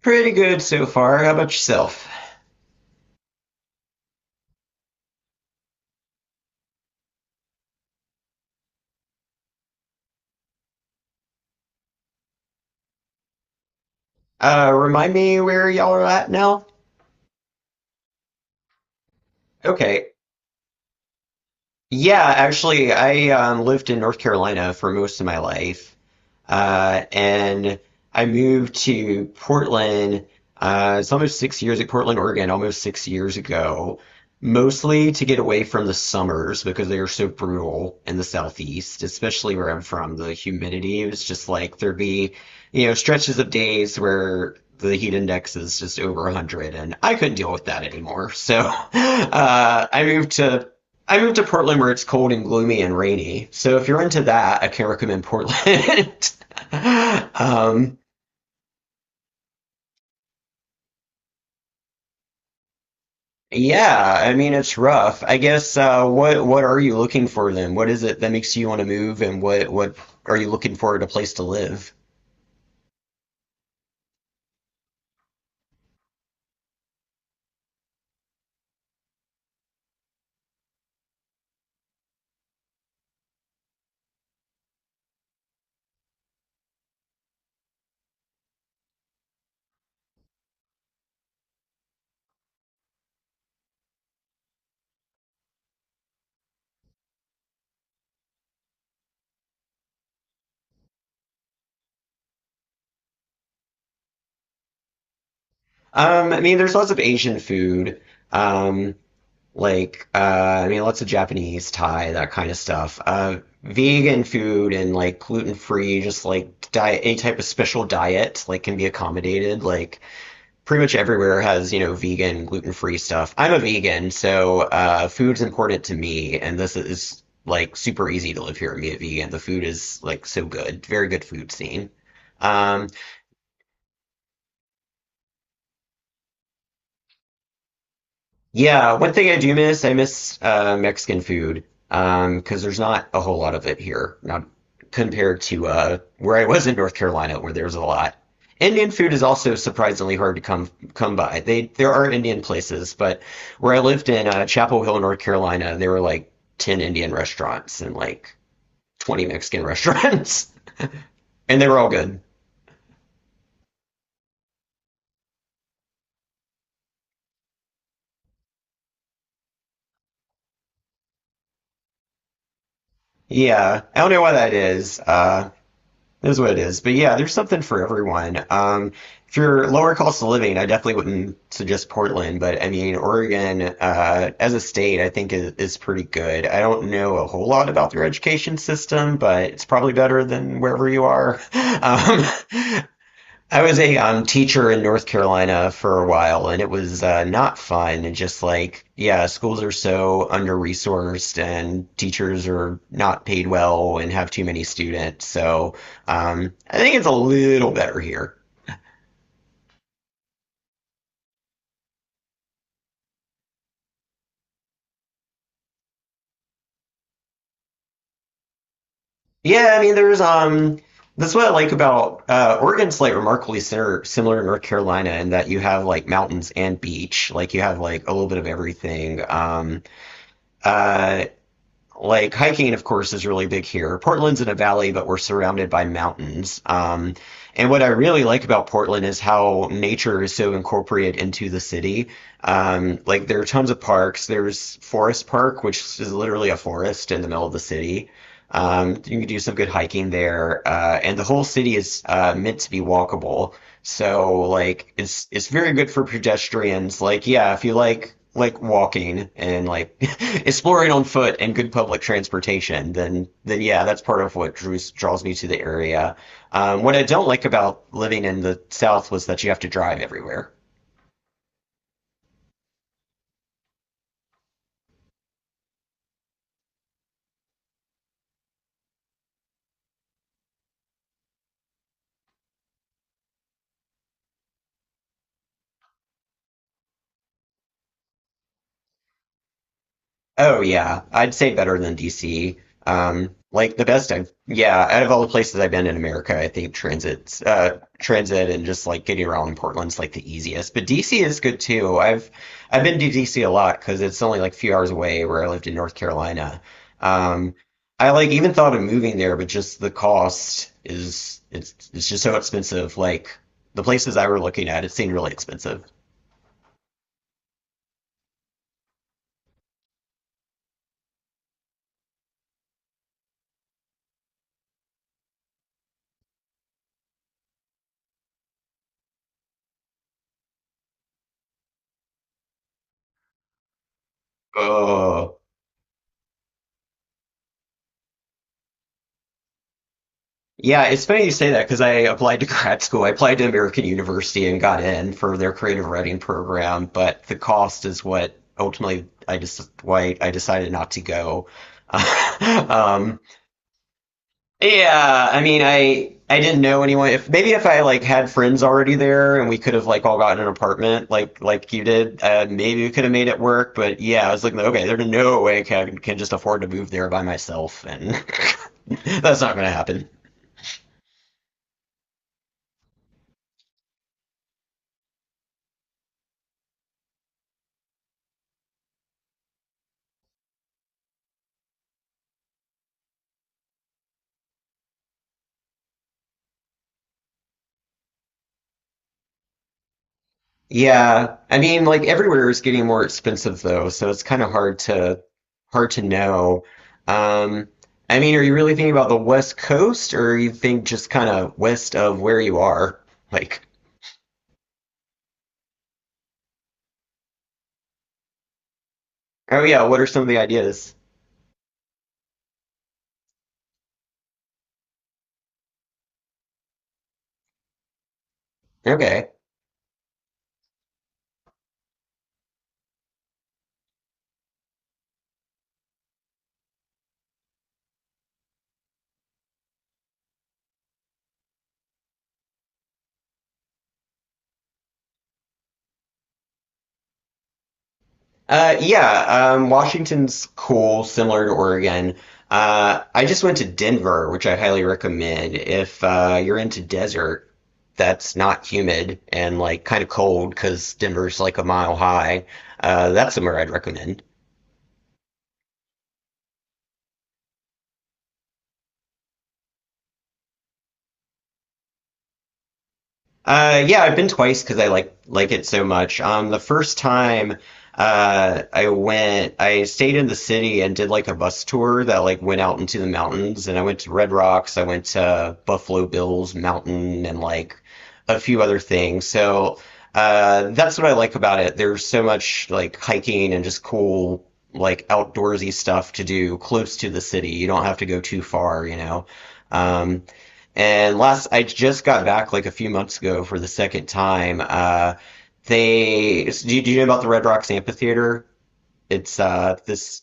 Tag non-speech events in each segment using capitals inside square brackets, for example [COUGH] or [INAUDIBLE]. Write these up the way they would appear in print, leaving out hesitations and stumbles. Pretty good so far. How about yourself? Remind me where y'all are at now? Okay. Yeah, actually, I lived in North Carolina for most of my life. And I moved to Portland. It's almost 6 years at Portland, Oregon, almost 6 years ago, mostly to get away from the summers because they are so brutal in the southeast, especially where I'm from. The humidity was just like there'd be, stretches of days where the heat index is just over 100, and I couldn't deal with that anymore. So [LAUGHS] I moved to Portland where it's cold and gloomy and rainy. So if you're into that, I can recommend Portland. [LAUGHS] Um, yeah, I mean it's rough. I guess what are you looking for then? What is it that makes you want to move, and what are you looking for at a place to live? I mean, there's lots of Asian food, um, like I mean, lots of Japanese, Thai, that kind of stuff. Vegan food and like gluten free, just like diet, any type of special diet like can be accommodated. Like pretty much everywhere has vegan, gluten free stuff. I'm a vegan, so food's important to me, and this is like super easy to live here and be a vegan. The food is like so good, very good food scene. Um, Yeah, one thing I do miss, I miss Mexican food. 'Cause because there's not a whole lot of it here, not compared to where I was in North Carolina, where there's a lot. Indian food is also surprisingly hard to come by. They There are Indian places, but where I lived in Chapel Hill, North Carolina, there were like 10 Indian restaurants and like 20 Mexican restaurants, [LAUGHS] and they were all good. Yeah, I don't know why that is. It is what it is. But yeah, there's something for everyone. If you're lower cost of living, I definitely wouldn't suggest Portland, but I mean, Oregon, as a state, I think is pretty good. I don't know a whole lot about their education system, but it's probably better than wherever you are. [LAUGHS] Um, I was a teacher in North Carolina for a while, and it was not fun. And just like, yeah, schools are so under-resourced, and teachers are not paid well and have too many students. So I think it's a little better here. Yeah, I mean, there's that's what I like about Oregon's like remarkably similar to North Carolina in that you have like mountains and beach, like you have like a little bit of everything. Uh, like hiking, of course, is really big here. Portland's in a valley, but we're surrounded by mountains. And what I really like about Portland is how nature is so incorporated into the city. Like there are tons of parks. There's Forest Park, which is literally a forest in the middle of the city. You can do some good hiking there, and the whole city is meant to be walkable. So like it's very good for pedestrians. Like yeah, if you like walking and like [LAUGHS] exploring on foot and good public transportation, then yeah, that's part of what drews draws me to the area. What I don't like about living in the South was that you have to drive everywhere. Oh yeah, I'd say better than DC. Like the best I've yeah, out of all the places I've been in America, I think transit and just like getting around in Portland's like the easiest. But DC is good too. I've been to DC a lot because it's only like a few hours away where I lived in North Carolina. Um, I like even thought of moving there, but just the cost is it's just so expensive. Like the places I were looking at, it seemed really expensive. Oh. Yeah, it's funny you say that because I applied to [LAUGHS] grad school. I applied to American University and got in for their creative writing program, but the cost is what ultimately I just why I decided not to go. [LAUGHS] Um, yeah, I mean, I didn't know anyone. If maybe if I like had friends already there and we could have like all gotten an apartment like you did, maybe we could have made it work. But yeah, I was like, okay, there's no way can just afford to move there by myself, and [LAUGHS] that's not going to happen. Yeah, I mean, like everywhere is getting more expensive though, so it's kind of hard to hard to know. Um, I mean, are you really thinking about the West Coast, or you think just kind of west of where you are? Like, oh yeah, what are some of the ideas? Okay. Yeah, Washington's cool, similar to Oregon. I just went to Denver, which I highly recommend if you're into desert that's not humid and like kind of cold because Denver's like a mile high. That's somewhere I'd recommend. Yeah, I've been twice because I like it so much. The first time, I stayed in the city and did like a bus tour that like went out into the mountains, and I went to Red Rocks, I went to Buffalo Bills Mountain, and like a few other things. So, that's what I like about it. There's so much like hiking and just cool like outdoorsy stuff to do close to the city. You don't have to go too far, you know. Um, and last, I just got back like a few months ago for the second time. Do you know about the Red Rocks Amphitheater? It's this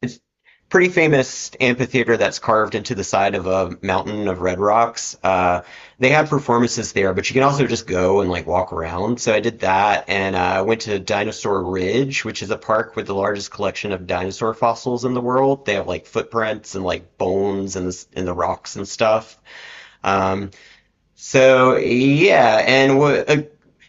it's pretty famous amphitheater that's carved into the side of a mountain of red rocks. They have performances there, but you can also just go and like walk around. So I did that, and I went to Dinosaur Ridge, which is a park with the largest collection of dinosaur fossils in the world. They have like footprints and like bones in the rocks and stuff. Um, so yeah, and what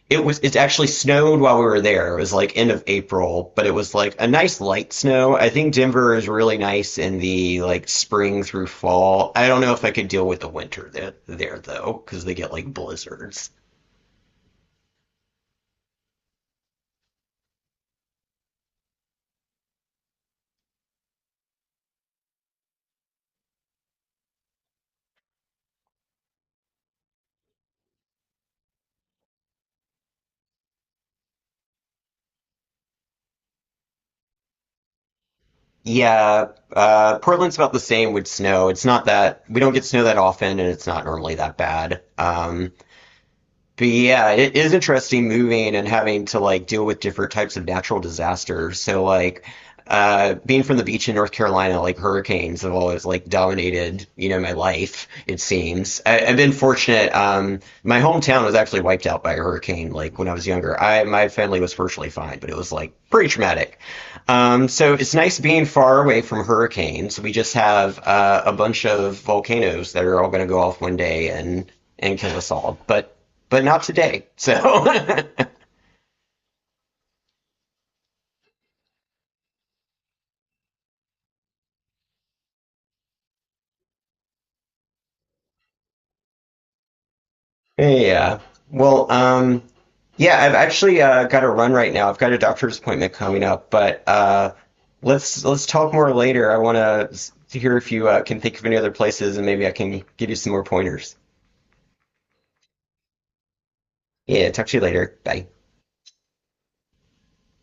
it was it actually snowed while we were there. It was like end of April, but it was like a nice light snow. I think Denver is really nice in the like spring through fall. I don't know if I could deal with the winter there though, because they get like blizzards. Yeah, Portland's about the same with snow. It's not that We don't get snow that often, and it's not normally that bad. But yeah, it is interesting moving and having to like deal with different types of natural disasters. So like being from the beach in North Carolina, like hurricanes have always like dominated, you know, my life, it seems. I've been fortunate. My hometown was actually wiped out by a hurricane like when I was younger. I My family was virtually fine, but it was like pretty traumatic. So it's nice being far away from hurricanes. We just have a bunch of volcanoes that are all going to go off one day and kill us all, but not today. So [LAUGHS] yeah. Well, yeah, I've actually got to run right now. I've got a doctor's appointment coming up, but let's talk more later. I want to hear if you can think of any other places, and maybe I can give you some more pointers. Yeah, talk to you later. Bye.